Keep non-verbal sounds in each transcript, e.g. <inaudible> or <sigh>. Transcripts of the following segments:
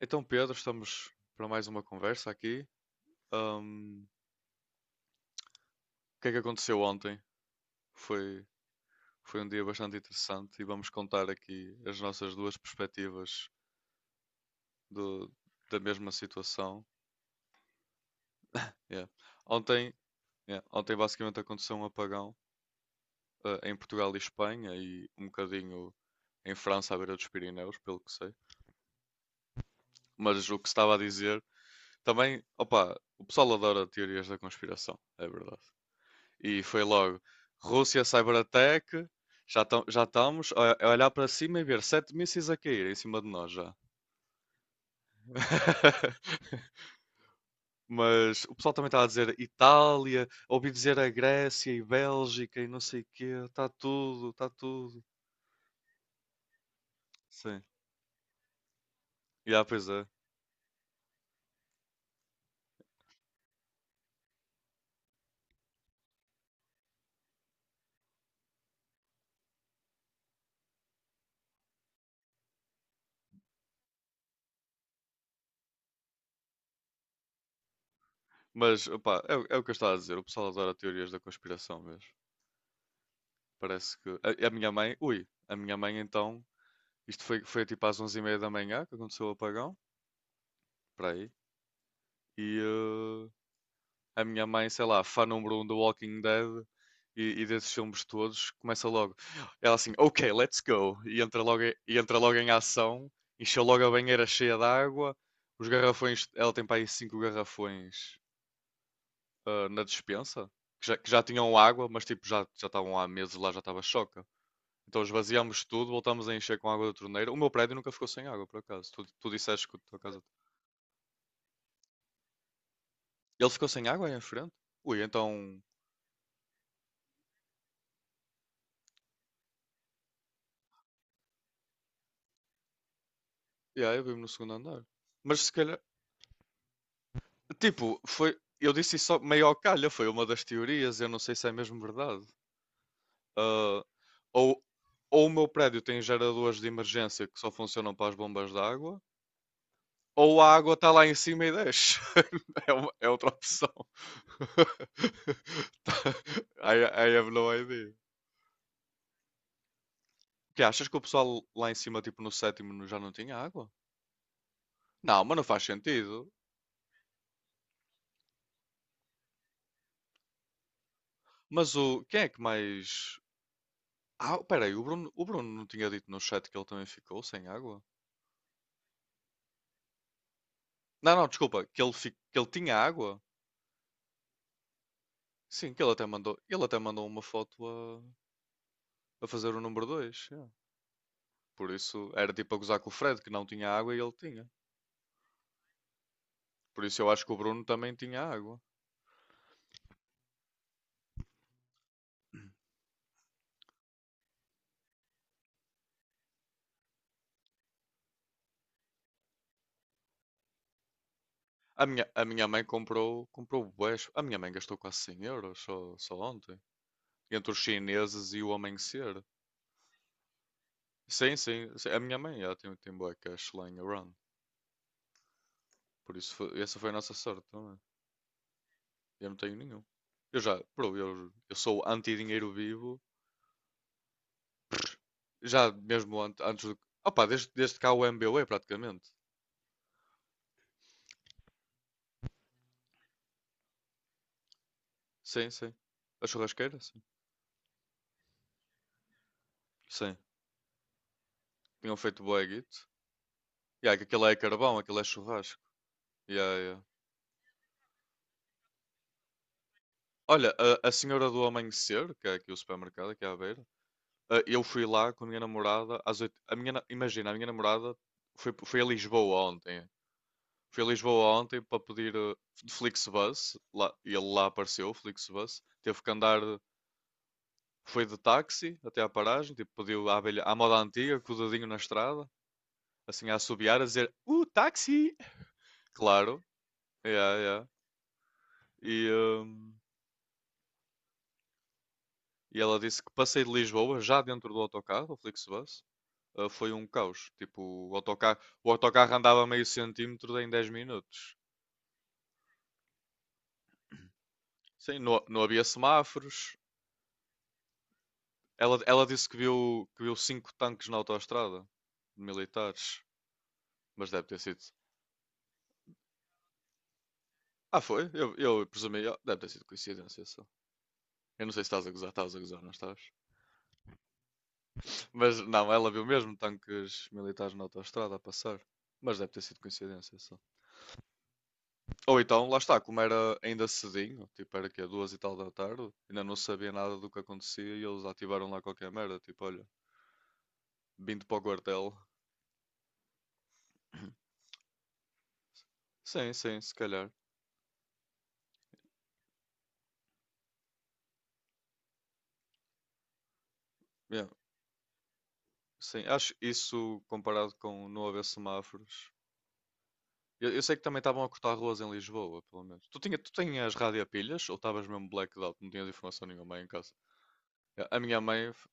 Então, Pedro, estamos para mais uma conversa aqui. Ahm, o que é que aconteceu ontem? Foi, foi, um dia bastante interessante e vamos contar aqui as nossas duas perspectivas do- da mesma situação. Yeah. Ontem, yeah, ontem basicamente aconteceu um apagão, em Portugal e Espanha e um bocadinho em França, à beira dos Pirineus, pelo que sei. Mas o que se estava a dizer também, opa, o pessoal adora teorias da conspiração, é verdade. E foi logo Rússia Cyberattack. Já, já estamos a olhar para cima e ver sete mísseis a cair em cima de nós já. <laughs> Mas o pessoal também está a dizer Itália, ouvi dizer a Grécia e Bélgica e não sei o quê. Está tudo, está tudo. Sim. Já, pois é. Mas, opá, é, é o que eu estava a dizer. O pessoal adora teorias da conspiração mesmo. Parece que... A minha mãe... Ui, a minha mãe então... Isto foi tipo às 11:30 da manhã que aconteceu o apagão. Para aí. E, eh, a minha mãe, sei lá, fã número um do Walking Dead e desses filmes todos, começa logo. Ela assim, ok, let's go. E entra logo em ação, encheu logo a banheira cheia de água, os garrafões, ela tem para aí cinco garrafões na despensa, que já tinham água, mas tipo, já estavam há meses lá, já estava choca. Então esvaziamos tudo, voltamos a encher com água da torneira. O meu prédio nunca ficou sem água, por acaso. Tu disseste que a tua casa. Ele ficou sem água aí em frente? Ui, então. E yeah, aí, eu vivo no segundo andar. Mas se calhar. Tipo, foi. Eu disse isso só meio ao calha, foi uma das teorias, eu não sei se é mesmo verdade. Ah, ou, ou o meu prédio tem geradores de emergência que só funcionam para as bombas de água, ou a água está lá em cima e desce. <laughs> É, é outra opção. <laughs> Tá- I have no idea. Que achas que o pessoal lá em cima, tipo no sétimo, já não tinha água? Não, mas não faz sentido. Mas o quem é que mais. Ah, peraí, o Bruno não tinha dito no chat que ele também ficou sem água? Não, não, desculpa, que ele, que ele tinha água? Sim, que ele até mandou uma foto a fazer o número 2. É. Por isso, era tipo a gozar com o Fred, que não tinha água e ele tinha. Por isso eu acho que o Bruno também tinha água. A minha mãe comprou bués. A minha mãe gastou quase 100 euros só, só ontem. Entre os chineses e o amanhecer. Sim, sim, sim. A minha mãe, ela tem, tem bué cash lá em Iran. Por isso, foi- essa foi a nossa sorte também. Eu não tenho nenhum. Eu já, bro, eu sou anti-dinheiro vivo. Já mesmo antes do. Opa, desde cá o MBWay praticamente. Sim, sim. A churrasqueira, sim. Sim. Tinham feito bué guito. Yeah, que aquilo é carvão, aquilo é churrasco. Yeah, yeah. Olha, a Senhora do Amanhecer, que é aqui o supermercado, aqui à beira, eu fui lá com a minha namorada às oito. Imagina, a minha namorada foi a Lisboa ontem. Foi a Lisboa ontem para pedir de Flixbus, lá, e ele lá apareceu, o Flixbus. Teve que andar. Foi de táxi até à paragem, tipo, pediu à, abelha, à moda antiga, com o dedinho na estrada, assim a assobiar, a dizer táxi! Claro, yeah, yeah. E, hum, e ela disse que passei de Lisboa, já dentro do autocarro, o Flixbus, foi um caos. Tipo, o autocarro, o autocarro andava meio centímetro em 10 minutos. Sim, não, não havia semáforos. Ela disse que viu cinco tanques na autoestrada, militares, mas deve ter sido. Ah, foi? Eu presumi, ah, deve ter sido coincidência só. Eu não sei se estás a gozar, estás a gozar, não estás? Mas não, ela viu mesmo tanques militares na autoestrada a passar. Mas deve ter sido coincidência só. Ou então, lá está, como era ainda cedinho, tipo era que é duas e tal da tarde, ainda não sabia nada do que acontecia e eles ativaram lá qualquer merda, tipo, olha, vindo para o quartel. Sim, sim, se calhar. Yeah, sim, acho isso comparado com não haver semáforos. Eu sei que também estavam a cortar ruas em Lisboa, pelo menos. Tu, tu tinhas rádio a pilhas ou estavas mesmo blacked out? Não tinhas informação nenhuma aí em casa? A minha mãe.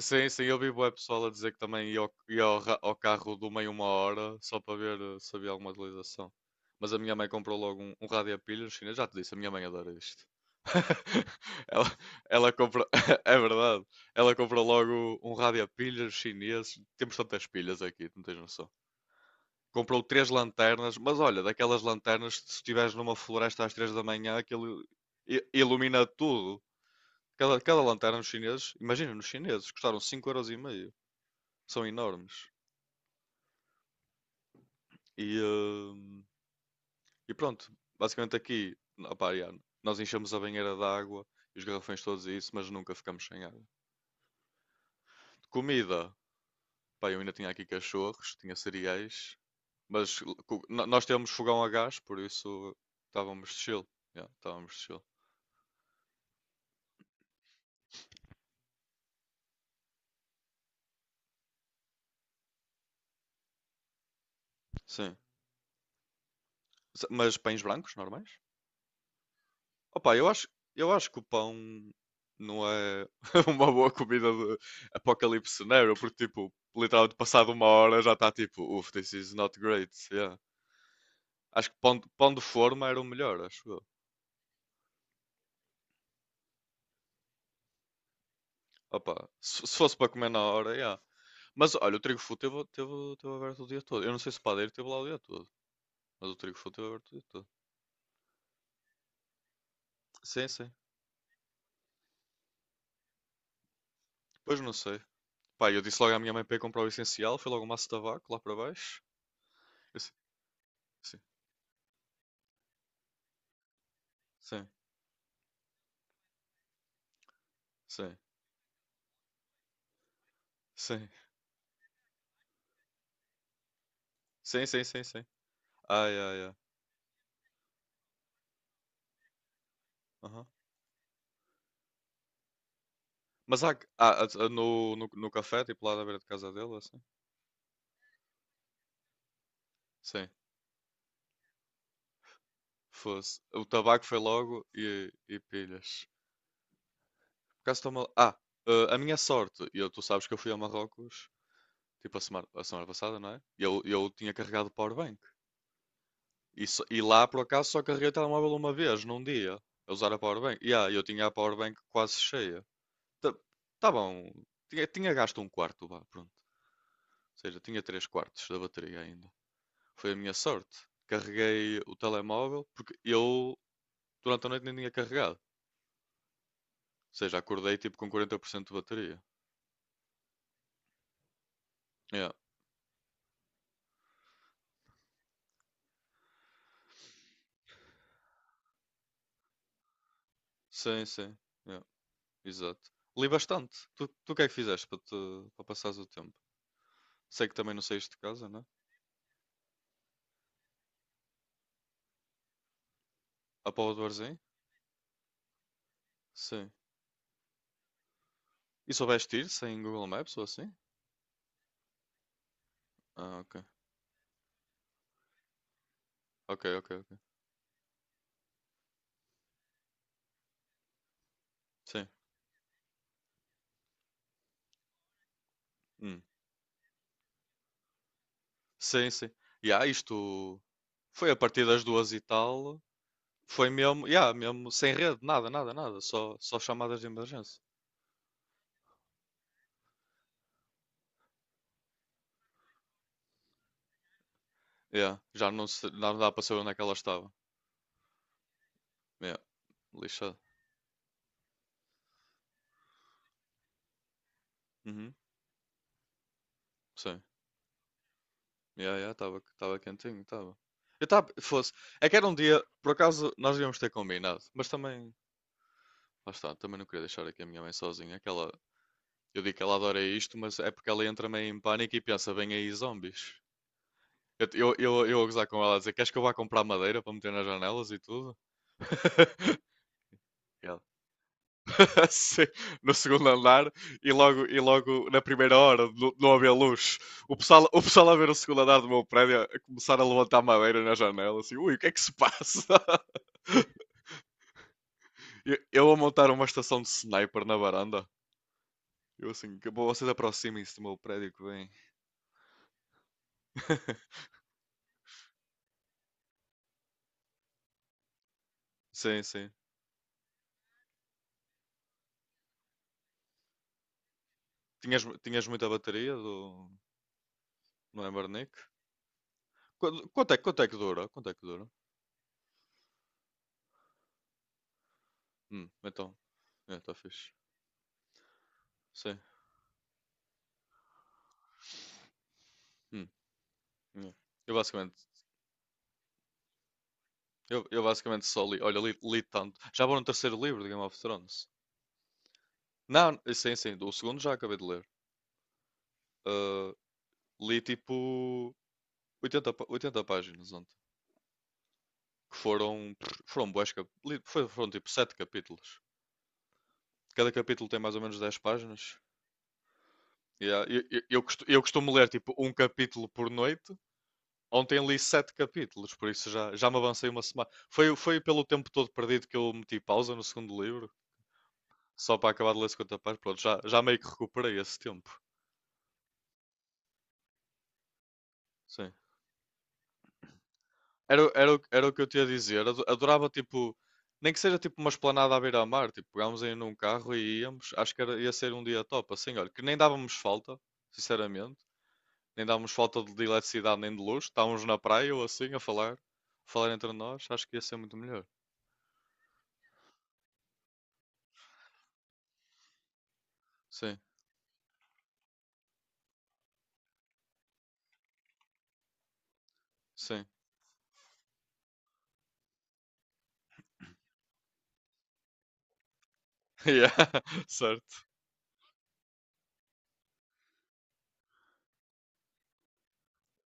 Sim, sim, eu vi bué pessoal a dizer que também ia ao ao carro do meio uma hora só para ver se havia alguma atualização. Mas a minha mãe comprou logo um rádio a pilhas chinês. Já te disse, a minha mãe adora isto. <laughs> Ela, Ela comprou. <laughs> É verdade. Ela comprou logo um rádio a pilhas chinês. Temos tantas pilhas aqui, não tens noção. Comprou três lanternas, mas olha, daquelas lanternas, se estiveres numa floresta às 3 da manhã, aquilo ilumina tudo. Cada lanterna nos chineses, imagina, nos chineses, custaram €5,50. São enormes. E, hum, e pronto, basicamente aqui, opá, já, nós enchemos a banheira de água e os garrafões todos e isso, mas nunca ficamos sem água. Comida, pá, eu ainda tinha aqui cachorros, tinha cereais, mas nós temos fogão a gás, por isso estávamos chill. Já, estávamos chill. Sim. Mas pães brancos, normais? Opa, eu acho que o pão não é <laughs> uma boa comida de apocalipse scenario, porque, tipo, literalmente passado uma hora já está tipo, uff, this is not great. Yeah. Acho que pão, pão de forma era o melhor, acho eu. Opa, se fosse para comer na hora, yeah. Mas olha, o trigo full teve aberto o dia todo. Eu não sei se o padeiro teve lá o dia todo, mas o trigo full teve aberto o dia todo. Sim, sim. Pois não sei. Pá, eu disse logo à minha mãe para ir comprar o essencial, foi logo um maço de tabaco lá para baixo. Eu disse, sim, sim, sim, sim. Sim, sim, sim, sim. Ai, ai, ai. Aham. Mas no, no, no café, tipo lá na beira de casa dele, assim? Sim, fosse. O tabaco foi logo e pilhas. Por acaso estou mal... Ah, a minha sorte, e eu, tu sabes que eu fui a Marrocos, tipo a semana passada, não é? E eu tinha carregado o powerbank. E, e lá, por acaso, só carreguei o telemóvel uma vez, num dia, a usar a powerbank. E ah, eu tinha a powerbank quase cheia. Tá, tá bom, tinha gasto um quarto, vá, pronto. Ou seja, tinha três quartos da bateria ainda. Foi a minha sorte. Carreguei o telemóvel porque eu durante a noite nem tinha carregado. Ou seja, acordei tipo com 40% de bateria. Yeah. Sim, sim. Yeah. Exato. Li bastante. Tu, o que é que fizeste para, te, para passares o tempo? Sei que também não saíste de casa, não é? A Póvoa do Varzim? Sim. E soubeste ir sem Google Maps ou assim? Ah, ok. Ok, ok, ok. Sim. Hum. Sim, sim. E há isto. Foi a partir das duas e tal. Foi mesmo, yeah, mesmo sem rede, nada, nada, nada, só, só chamadas de emergência. Yeah, já não, se, não dá para saber onde é que ela estava. Yeah, lixado. Uhum, sim. Yeah, yeah, estava quentinho, estava. Eu estava, fosse. É que era um dia, por acaso, nós íamos ter combinado, mas também, lá está, também não queria deixar aqui a minha mãe sozinha. Aquela, eu digo que ela adora isto, mas é porque ela entra meio em pânico e pensa, vem aí zombies. Eu a gozar com ela a dizer, queres que eu vá comprar madeira para meter nas janelas e tudo? <laughs> Yeah. <laughs> Sim, no segundo andar e logo na primeira hora de não haver luz, o pessoal a ver o segundo andar do meu prédio a começar a levantar madeira na janela, assim, ui, o que é que se passa? <laughs> Eu a montar uma estação de sniper na varanda. Eu assim, que bom, vocês aproximem-se do meu prédio que vem. <laughs> Sim, sim. Tinhas muita bateria do, no Embernick? Quanto é que dura? Quanto é que dura? Então. É, tá fixe. Sim. Hum, é. Eu basicamente. Eu basicamente só li, olha, li tanto. Já vou no terceiro livro de Game of Thrones. Não, sim, sim, o segundo já acabei de ler. Ah, li tipo 80 páginas ontem. Que foram, foram bués, foram tipo 7 capítulos. Cada capítulo tem mais ou menos 10 páginas. Yeah, eu costumo ler tipo um capítulo por noite. Ontem li 7 capítulos, por isso já, já me avancei uma semana. Foi pelo tempo todo perdido que eu meti pausa no segundo livro. Só para acabar de ler 50 páginas, pronto, já, já meio que recuperei esse tempo. Sim. Era, era o que eu te ia dizer. Adorava, tipo, nem que seja tipo uma esplanada à beira-mar. Tipo, pegámos aí num carro e íamos. Acho que era, ia ser um dia top, assim, olha, que nem dávamos falta, sinceramente. Nem dávamos falta de eletricidade nem de luz. Estávamos na praia ou assim a falar, falar entre nós. Acho que ia ser muito melhor. Sim, sim. <laughs> Yeah, certo.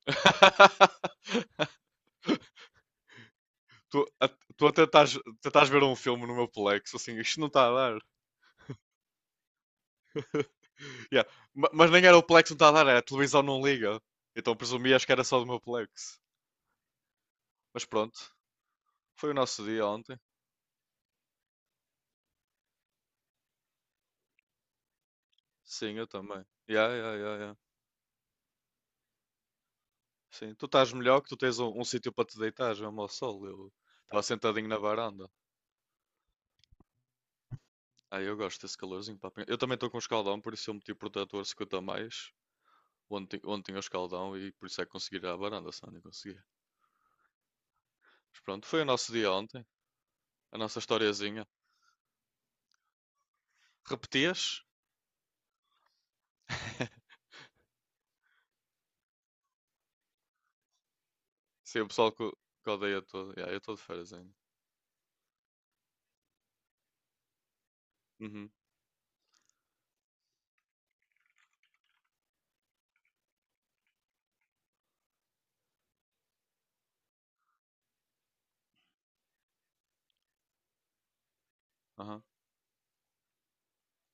<laughs> Tu, a, tu a tentares ver um filme no meu Plex, assim, isto não está a dar. Yeah. Mas nem era o Plex que me estava a dar, era a televisão não liga. Então presumi acho que era só do meu Plex. Mas pronto, foi o nosso dia ontem. Sim, eu também. Yeah, yeah, yeah, yeah. Sim, tu estás melhor que tu tens um sítio para te deitar, mesmo ao sol. Eu estava sentadinho na varanda. Ah, eu gosto desse calorzinho. Pá. Eu também estou com um escaldão, por isso eu meti o protetor 50 a mais. Ontem, ontem tinha o escaldão e por isso é que consegui ir à varanda, senão não conseguia. Mas pronto, foi o nosso dia ontem. A nossa historiazinha. Repetias? <laughs> Sim, o pessoal que odeia todo. Yeah, eu estou de férias ainda. Uhum, aham,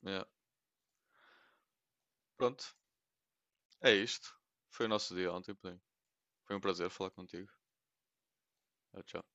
yeah. Pronto, é isto. Foi o nosso dia ontem, Pedrinho. Foi um prazer falar contigo. Tchau, tchau.